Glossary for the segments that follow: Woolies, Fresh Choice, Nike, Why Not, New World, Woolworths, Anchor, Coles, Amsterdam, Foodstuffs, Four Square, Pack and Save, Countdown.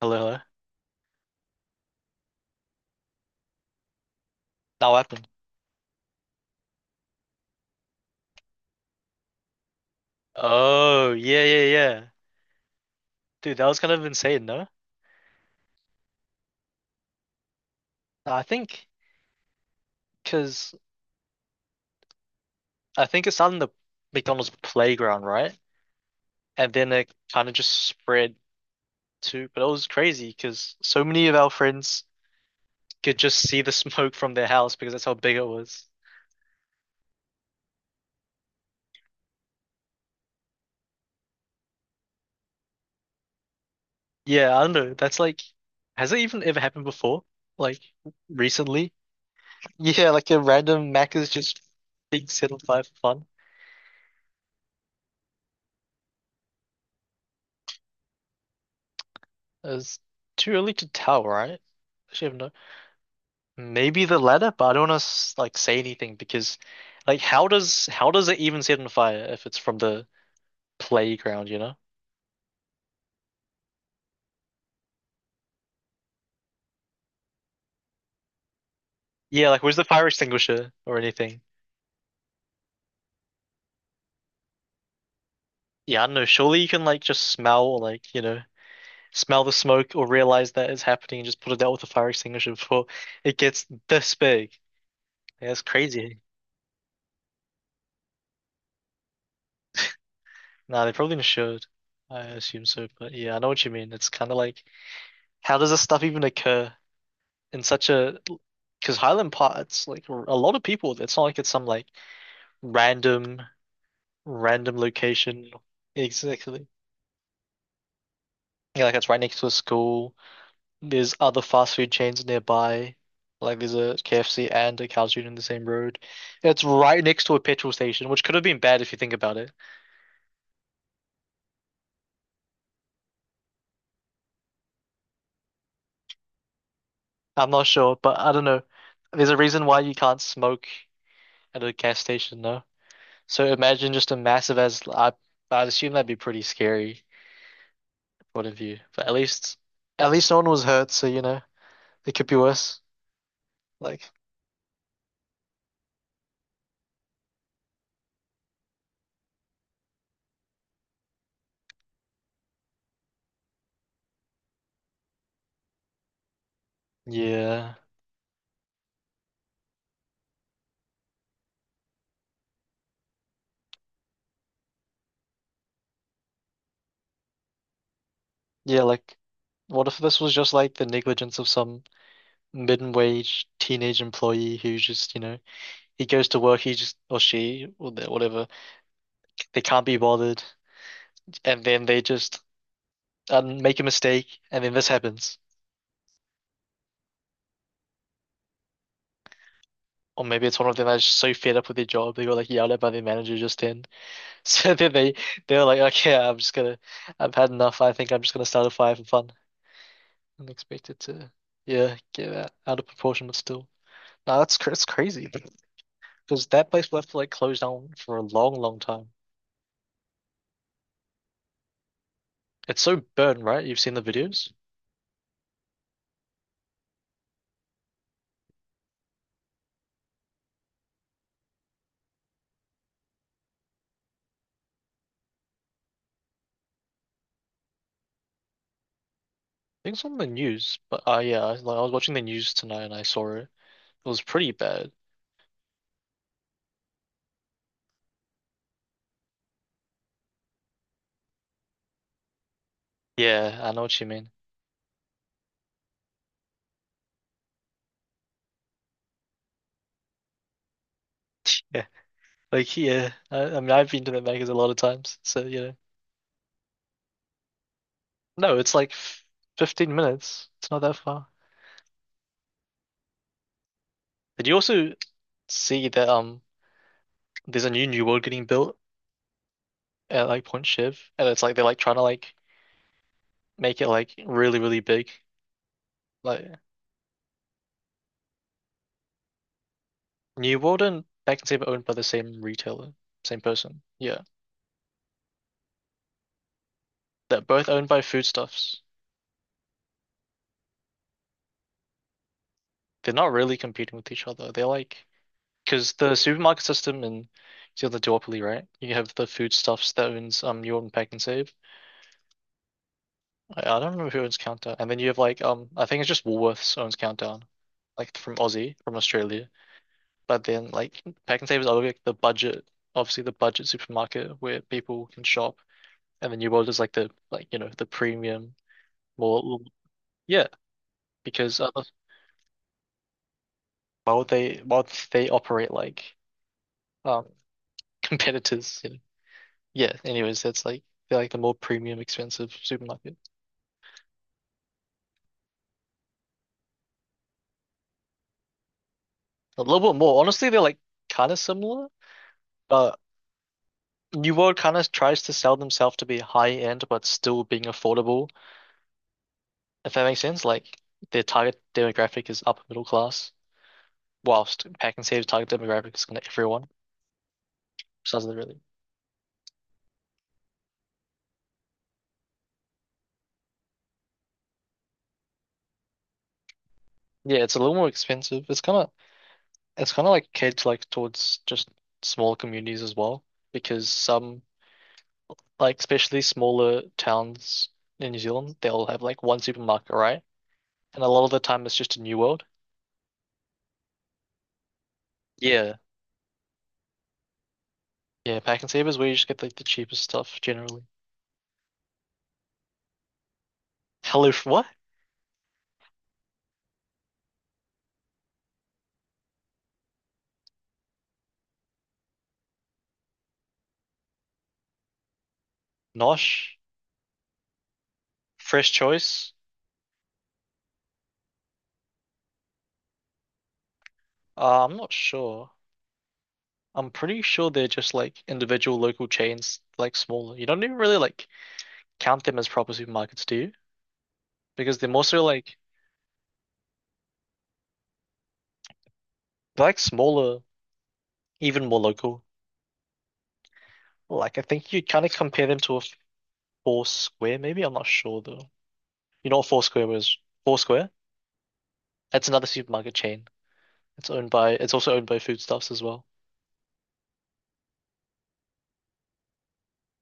Hello, hello. That happened. Oh, yeah, yeah, yeah. Dude, that was kind of insane, no? I think because I think it started in the McDonald's playground, right? And then it kind of just spread to, but it was crazy because so many of our friends could just see the smoke from their house because that's how big it was. Yeah, I don't know. That's like, has it even ever happened before? Like recently? Yeah, like a random Mac is just being set on fire for fun. It's too early to tell, right? I should have known. Maybe the latter, but I don't want to like say anything because, like, how does it even set on fire if it's from the playground, you know? Yeah, like, where's the fire extinguisher or anything? Yeah, I don't know. Surely you can like just smell or like you know smell the smoke or realize that it's happening and just put it out with a fire extinguisher before it gets this big. Yeah, it's crazy. Nah, they probably should. I assume so, but yeah, I know what you mean. It's kind of like how does this stuff even occur in such a. Because Highland Park's like a lot of people. It's not like it's some like random, random location. Exactly. Yeah, like it's right next to a school. There's other fast food chains nearby. Like there's a KFC and a Carl's Jr. in the same road. It's right next to a petrol station, which could have been bad if you think about it. I'm not sure, but I don't know. There's a reason why you can't smoke at a gas station, no? So imagine just a massive as I assume that'd be pretty scary. Point of view. But at least, at least no one was hurt, so you know, it could be worse. Like, yeah, yeah, like, what if this was just like the negligence of some mid-wage teenage employee who just, you know, he goes to work, he just, or she, or whatever, they can't be bothered, and then they just make a mistake, and then this happens. Or maybe it's one of them that's so fed up with their job, they got like yelled at by their manager just then. So then they, they're like, okay, I'm just gonna, I've had enough. I think I'm just gonna start a fire for fun. And expected to, yeah, get out, out of proportion, but still. No, that's that's crazy because that place will have to like close down for a long, long time. It's so burnt, right? You've seen the videos. I think it's on the news, but yeah, like I was watching the news tonight and I saw it. It was pretty bad. Yeah, I know what you mean. Yeah, like yeah, I mean I've been to the Vegas a lot of times, so you know. No, it's like f 15 minutes. It's not that far. Did you also see that there's a new New World getting built at like Point Shiv, and it's like they're like trying to like make it like really really big. Like New World and Back and Saber owned by the same retailer, same person. Yeah, they're both owned by Foodstuffs. They're not really competing with each other. They're like because the supermarket system in it's the duopoly, right? You have the Foodstuffs that owns New World and Back and Save. I don't remember who owns Countdown, and then you have like I think it's just Woolworths owns Countdown, like from Aussie from Australia. But then like Pack and Save is always like the budget, obviously the budget supermarket where people can shop, and the New World is like the like you know the premium more yeah because other why would they operate like um competitors you know yeah anyways that's like they're like the more premium expensive supermarket a little bit more honestly they're like kind of similar but New World kind of tries to sell themselves to be high end but still being affordable if that makes sense like their target demographic is upper middle class whilst pack and save target demographics on everyone. So that's the really yeah, it's a little more expensive. It's kind of like catered to, like towards just smaller communities as well because some like especially smaller towns in New Zealand they'll have like one supermarket right, and a lot of the time it's just a New World. Yeah, yeah, pack and save is where you just get like the cheapest stuff generally. Hello, what? Nosh, Fresh Choice. I'm not sure. I'm pretty sure they're just like individual local chains, like smaller. You don't even really like count them as proper supermarkets, do you? Because they're more so like they're like smaller, even more local. Like I think you kind of compare them to a Four Square, maybe. I'm not sure though. You know what Four Square was? Four Square? That's another supermarket chain. It's also owned by Foodstuffs as well.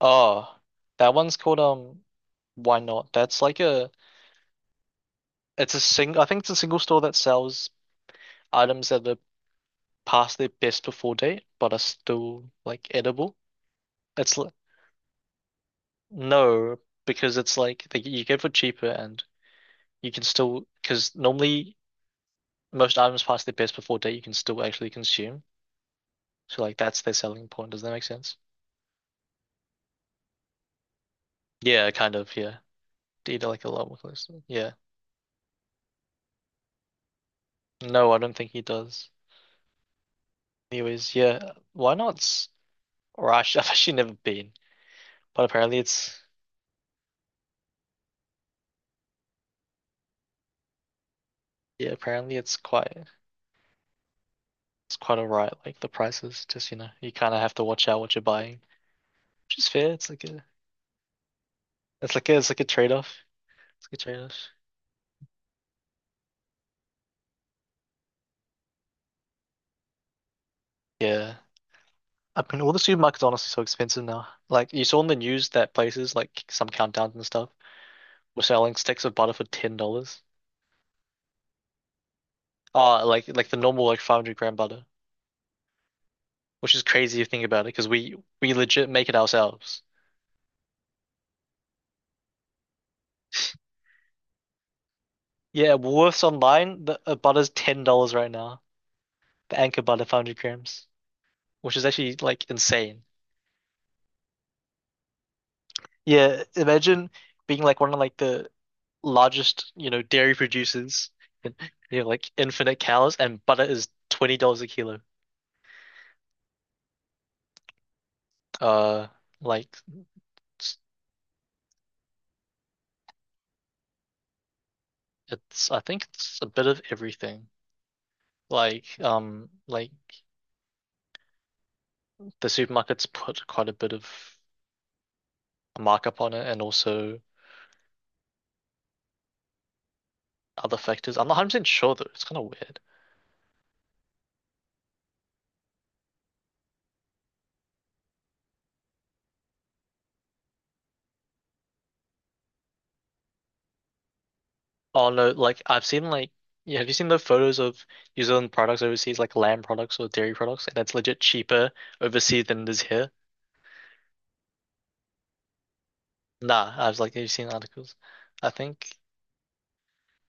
Oh, that one's called Why Not? That's like a it's a sing I think it's a single store that sells items that are past their best before date but are still like edible. It's l- No, because it's like they, you get for cheaper and you can still, because normally most items past their best before date you can still actually consume. So like that's their selling point. Does that make sense? Yeah, kind of, yeah. Did like a lot more closely. Yeah. No, I don't think he does. Anyways, yeah. Why not? Or I should, I've actually never been. But apparently it's yeah, apparently it's quite alright. Like the prices, just you know, you kinda have to watch out what you're buying. Which is fair. It's like a it's like a it's like a trade-off. It's like a trade-off. Yeah. I mean, all the supermarkets are honestly so expensive now. Like you saw in the news that places like some countdowns and stuff were selling sticks of butter for $10. Like the normal like 500-gram butter, which is crazy if you think about it, because we legit make it ourselves. Yeah, Woolworths online, the butter's $10 right now. The Anchor butter 500 grams, which is actually like insane. Yeah, imagine being like one of like the largest, you know, dairy producers and you know like infinite cows and butter is $20 a kilo. Uh, like it's, it's I think it's a bit of everything. Like the supermarkets put quite a bit of a markup on it, and also other factors. I'm not 100% sure though. It's kind of weird. Oh no, like I've seen like yeah, have you seen the photos of New Zealand products overseas, like lamb products or dairy products, and it's legit cheaper overseas than it is here? Nah, I was like, have you seen articles? I think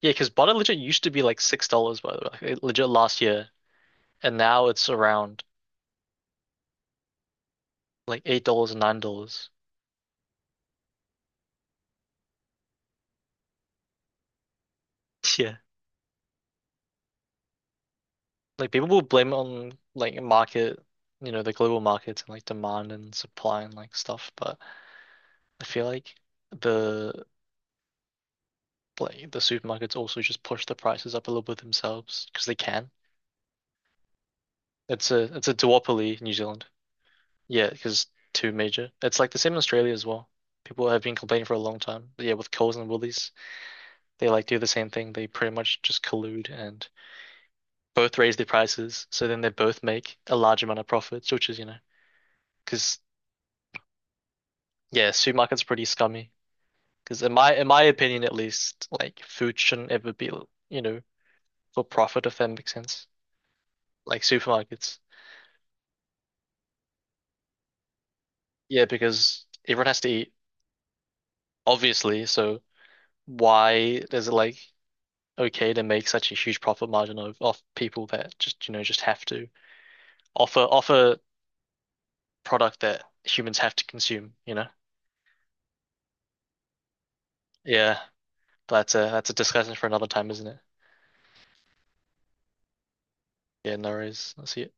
yeah, because butter legit used to be like $6 by the way, like, legit last year, and now it's around. Like $8 and $9. Yeah. Like people will blame it on like market, you know, the global markets and like demand and supply and like stuff, but I feel like the the supermarkets also just push the prices up a little bit themselves because they can. It's a duopoly in New Zealand. Yeah, because two major. It's like the same in Australia as well. People have been complaining for a long time. But yeah, with Coles and Woolies, they like do the same thing. They pretty much just collude and both raise their prices, so then they both make a large amount of profits, which is, you know, because yeah, supermarket's are pretty scummy. Because in my opinion, at least, like food shouldn't ever be, you know, for profit if that makes sense. Like supermarkets. Yeah, because everyone has to eat, obviously. So why is it like okay to make such a huge profit margin of off people that just you know just have to offer product that humans have to consume? You know? Yeah, but that's a discussion for another time, isn't it? Yeah, no worries. I'll see you.